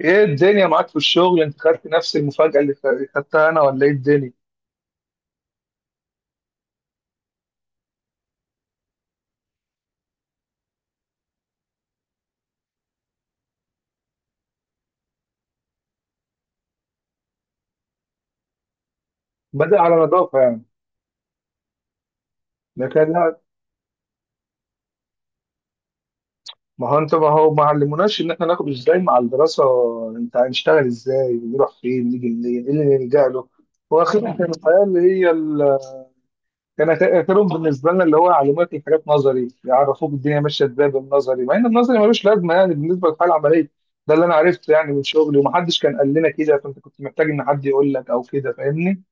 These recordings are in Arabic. ايه الدنيا معاك في الشغل؟ يعني انت خدت نفس المفاجأة اللي خدتها انا، ولا ايه الدنيا؟ بدأ على نظافة يعني. لكن لا، ما هو ما علموناش ان احنا ناخد ازاي مع الدراسة. انت هنشتغل ازاي، ونروح فين، نيجي منين، ايه اللي نلجأ له؟ واخيرا كان الحياة اللي هي. كان اخرهم بالنسبة لنا اللي هو يعلموك الحاجات نظري، يعرفوك الدنيا ماشية ازاي بالنظري، مع ان النظري ملوش لازمة يعني بالنسبة للحياة العملية. ده اللي انا عرفته يعني من شغلي، ومحدش كان قال لنا كده، فانت كنت محتاج ان حد يقول لك او كده، فاهمني؟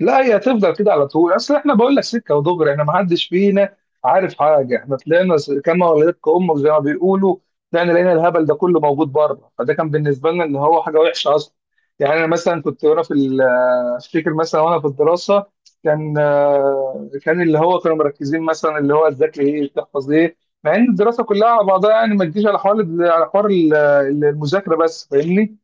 لا، هي هتفضل كده على طول. اصل احنا بقول لك سكه ودغري، احنا ما حدش فينا عارف حاجه. احنا طلعنا كما ولدتك امك زي ما بيقولوا. طلعنا لقينا الهبل ده كله موجود بره، فده كان بالنسبه لنا ان هو حاجه وحشه اصلا. يعني انا مثلا كنت وانا افتكر مثلا وانا في الدراسه، كان اللي هو كانوا مركزين مثلا اللي هو تذاكر ايه، تحفظ ايه، مع ان الدراسه كلها على بعضها يعني ما تجيش على حوار، على حوار ال- المذاكره بس، فاهمني؟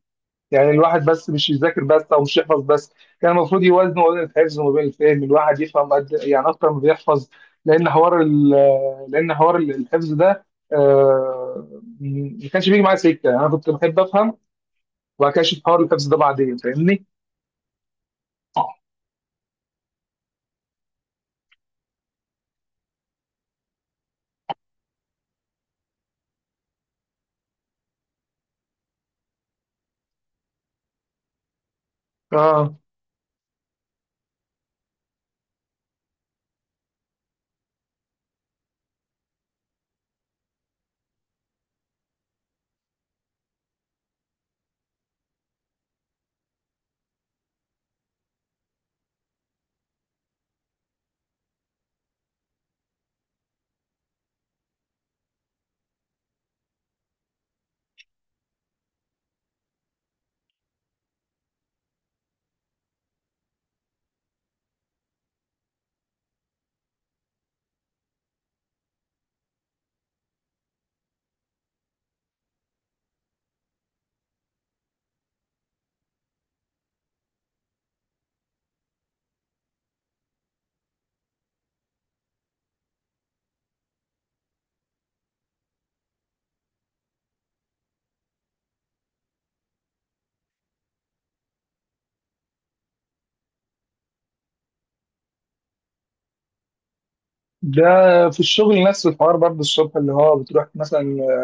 يعني الواحد بس مش يذاكر بس، او مش يحفظ بس. كان المفروض يوازنوا وزن الحفظ وما بين الفهم، الواحد يفهم قد يعني اكتر ما بيحفظ، لان حوار ال- لان حوار الحفظ ده، آه، ما كانش بيجي معايا سكه. انا كنت بحب افهم، وبعد كده اشوف حوار الحفظ ده بعدين، فاهمني؟ اه، ده في الشغل نفس الحوار برضه. الصبح اللي هو بتروح مثلا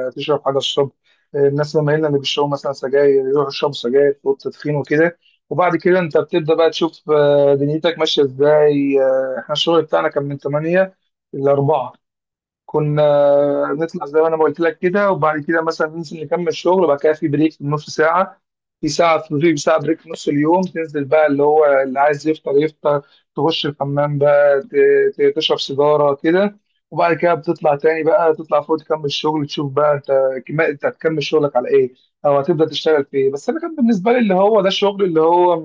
آه، تشرب حاجه الصبح، الناس مايلين اللي بيشربوا مثلا سجاير يروحوا يشربوا سجاير في اوضه تدخين وكده. وبعد كده انت بتبدا بقى تشوف دنيتك ماشيه ازاي. احنا الشغل بتاعنا كان من 8 ل 4. كنا نطلع زي ما انا ما قلت لك كده، وبعد كده مثلا ننزل نكمل شغل، وبعد كده في بريك في نص ساعه، في ساعه بريك في نص اليوم. تنزل بقى، اللي هو اللي عايز يفطر يفطر، تخش الحمام بقى، تشرب سيجاره كده، وبعد كده بتطلع تاني بقى، تطلع فوق تكمل شغل، تشوف بقى انت كما انت هتكمل شغلك على ايه، او هتبدا تشتغل في ايه. بس انا كان بالنسبه لي اللي هو ده الشغل اللي هو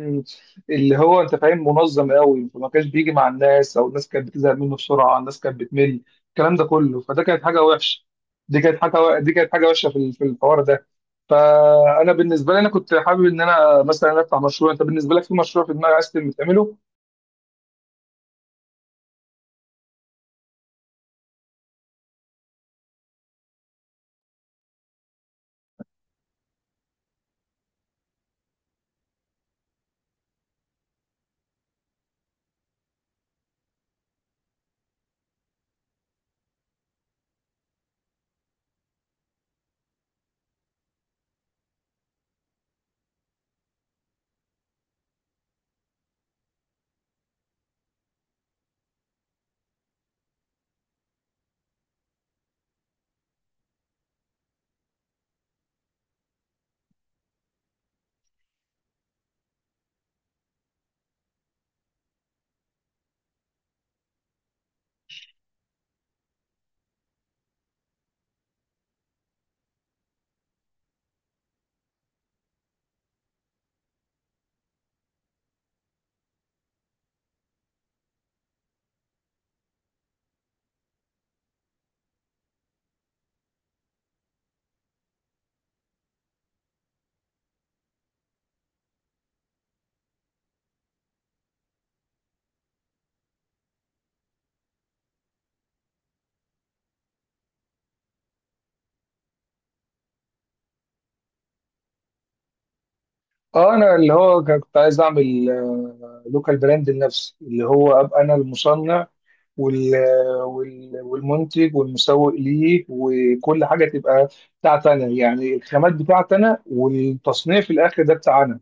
اللي هو انت فاهم منظم قوي، ما كانش بيجي مع الناس، او الناس كانت بتزهق منه بسرعه، الناس كانت بتمل الكلام ده كله، فده كانت حاجه وحشه. دي كانت حاجه وحشه في الحوار ده. فانا بالنسبه لي انا كنت حابب ان انا مثلا افتح مشروع. انت بالنسبه لك في مشروع في دماغك عايز تعمله؟ اه، انا اللي هو كنت عايز اعمل لوكال براند لنفسي، اللي هو ابقى انا المصنع وال... والمنتج والمسوق ليه، وكل حاجه تبقى بتاعتي انا، يعني الخامات بتاعتي انا والتصنيع في الاخر ده بتاعنا.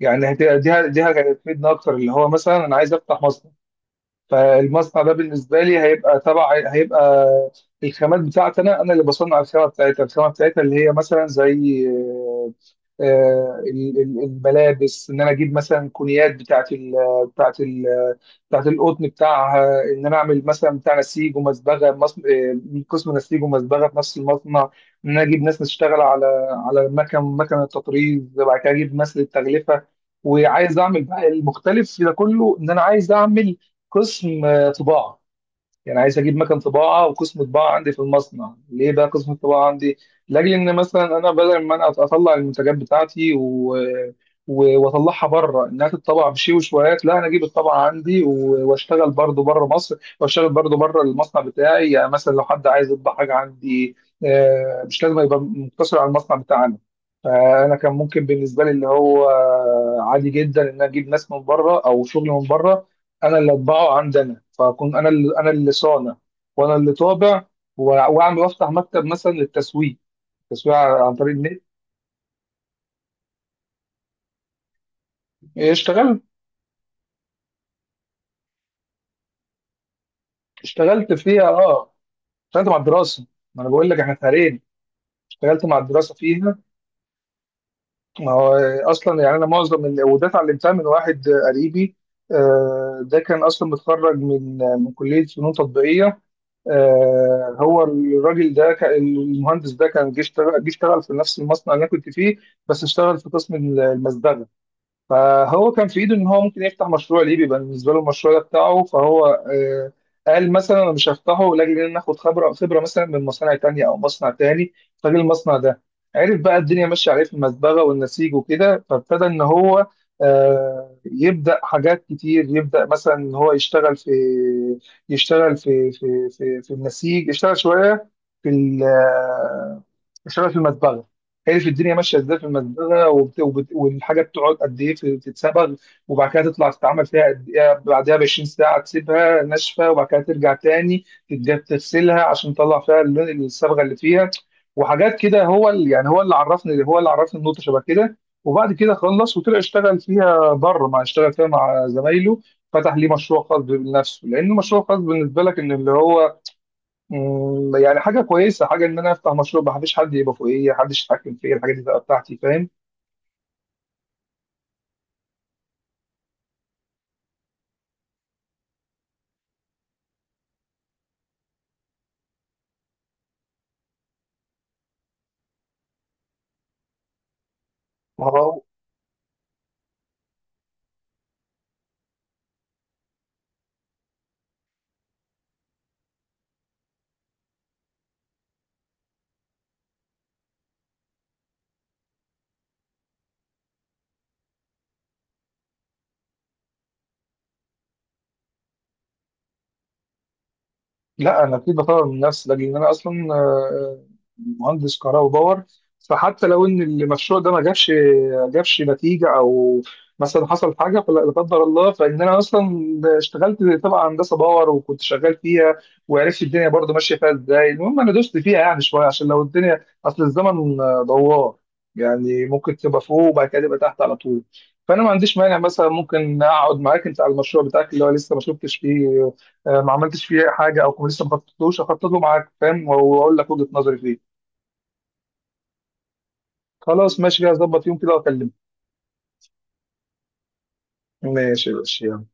يعني دي هتفيدنا اكتر. اللي هو مثلا انا عايز افتح مصنع، فالمصنع ده بالنسبه لي هيبقى تبع، هيبقى الخامات بتاعتي انا، انا اللي بصنع الخامه بتاعتها. الخامه بتاعتها اللي هي مثلا زي الملابس، ان انا اجيب مثلا كونيات بتاعت ال بتاعت القطن بتاعها، ان انا اعمل مثلا بتاع نسيج ومصبغه، من قسم نسيج ومصبغه في نفس المصنع. ان انا اجيب ناس تشتغل على، على مكن التطريز، وبعد كده اجيب ناس للتغلفه. وعايز اعمل بقى المختلف في ده كله، ان انا عايز اعمل قسم طباعه. يعني عايز اجيب مكان طباعه وقسم طباعه عندي في المصنع. ليه بقى قسم الطباعه عندي؟ لاجل ان مثلا انا بدل ما انا اطلع المنتجات بتاعتي واطلعها بره انها تتطبع بشي وشويات، لا، انا اجيب الطبعه عندي واشتغل برضو بره مصر، واشتغل برضو بره المصنع بتاعي. يعني مثلا لو حد عايز يطبع حاجه عندي، مش لازم يبقى مقتصر على المصنع بتاعنا. فانا كان ممكن بالنسبه لي اللي هو عادي جدا ان أنا اجيب ناس من بره او شغل من بره، انا اللي اطبعه عندنا، فاكون انا اللي صانع، وانا اللي طابع، واعمل وافتح مكتب مثلا للتسويق، تسويق عن طريق النت. إيه، اشتغلت. اشتغلت فيها اه. اشتغلت مع الدراسه. ما انا بقول لك احنا فريقين، اشتغلت مع الدراسه فيها. ما هو اصلا يعني انا معظم اللي وده اتعلمتها من واحد قريبي. ده كان اصلا متخرج من كليه فنون تطبيقيه. هو الراجل ده المهندس ده كان جه اشتغل في نفس المصنع اللي انا كنت فيه، بس اشتغل في قسم المصدغه. فهو كان في ايده ان هو ممكن يفتح مشروع ليه، بيبقى بالنسبه له المشروع ده بتاعه، فهو قال مثلا انا مش هفتحه لاجل ان انا اخد خبره، خبره مثلا من مصانع تانية او مصنع تاني. فجه المصنع ده، عرف بقى الدنيا ماشيه عليه في المزبغه والنسيج وكده، فابتدى ان هو يبدا حاجات كتير، يبدا مثلا ان هو يشتغل في في النسيج، يشتغل شويه في ال- آه، يشتغل في المزبغه. عرف الدنيا ماشيه ازاي في المزبله، والحاجه بتقعد قد ايه تتصبغ، وبعد كده تطلع تتعمل فيها قد ايه، بعدها ب 20 ساعه تسيبها ناشفه، وبعد كده ترجع تاني تغسلها عشان تطلع فيها اللون، الصبغه اللي فيها، وحاجات كده. هو اللي يعني هو اللي عرفني النقطه شبه كده. وبعد كده خلص وطلع اشتغل فيها بره، مع، اشتغل فيها مع زمايله. فتح ليه مشروع خاص بنفسه، لان المشروع خاص بالنسبه لك ان اللي هو يعني حاجة كويسة، حاجة إن أنا أفتح مشروع ما حدش يبقى فوقيا، حدش يتحكم فيا، الحاجات دي تبقى بتاعتي، فاهم؟ لا، انا اكيد بطور من نفسي، لان انا اصلا مهندس كهرباء وباور. فحتى لو ان المشروع ده ما جابش جابش نتيجه، او مثلا حصل حاجه، لا قدر الله، فان انا اصلا اشتغلت طبعا هندسه باور، وكنت شغال فيها، وعرفت الدنيا برضو ماشيه فيها ازاي. المهم انا دوست فيها يعني شويه، عشان لو الدنيا، اصل الزمن دوار، يعني ممكن تبقى فوق وبعد كده تبقى تحت على طول. فانا ما عنديش مانع مثلا ممكن اقعد معاك انت على المشروع بتاعك اللي هو لسه ما شفتش فيه، ما عملتش فيه حاجه، او لسه ما خططتلوش، اخطط له معاك، فاهم، واقول لك وجهه نظري فيه. خلاص، ماشي كده، هظبط يوم كده واكلمك. ماشي يا باشا، يلا.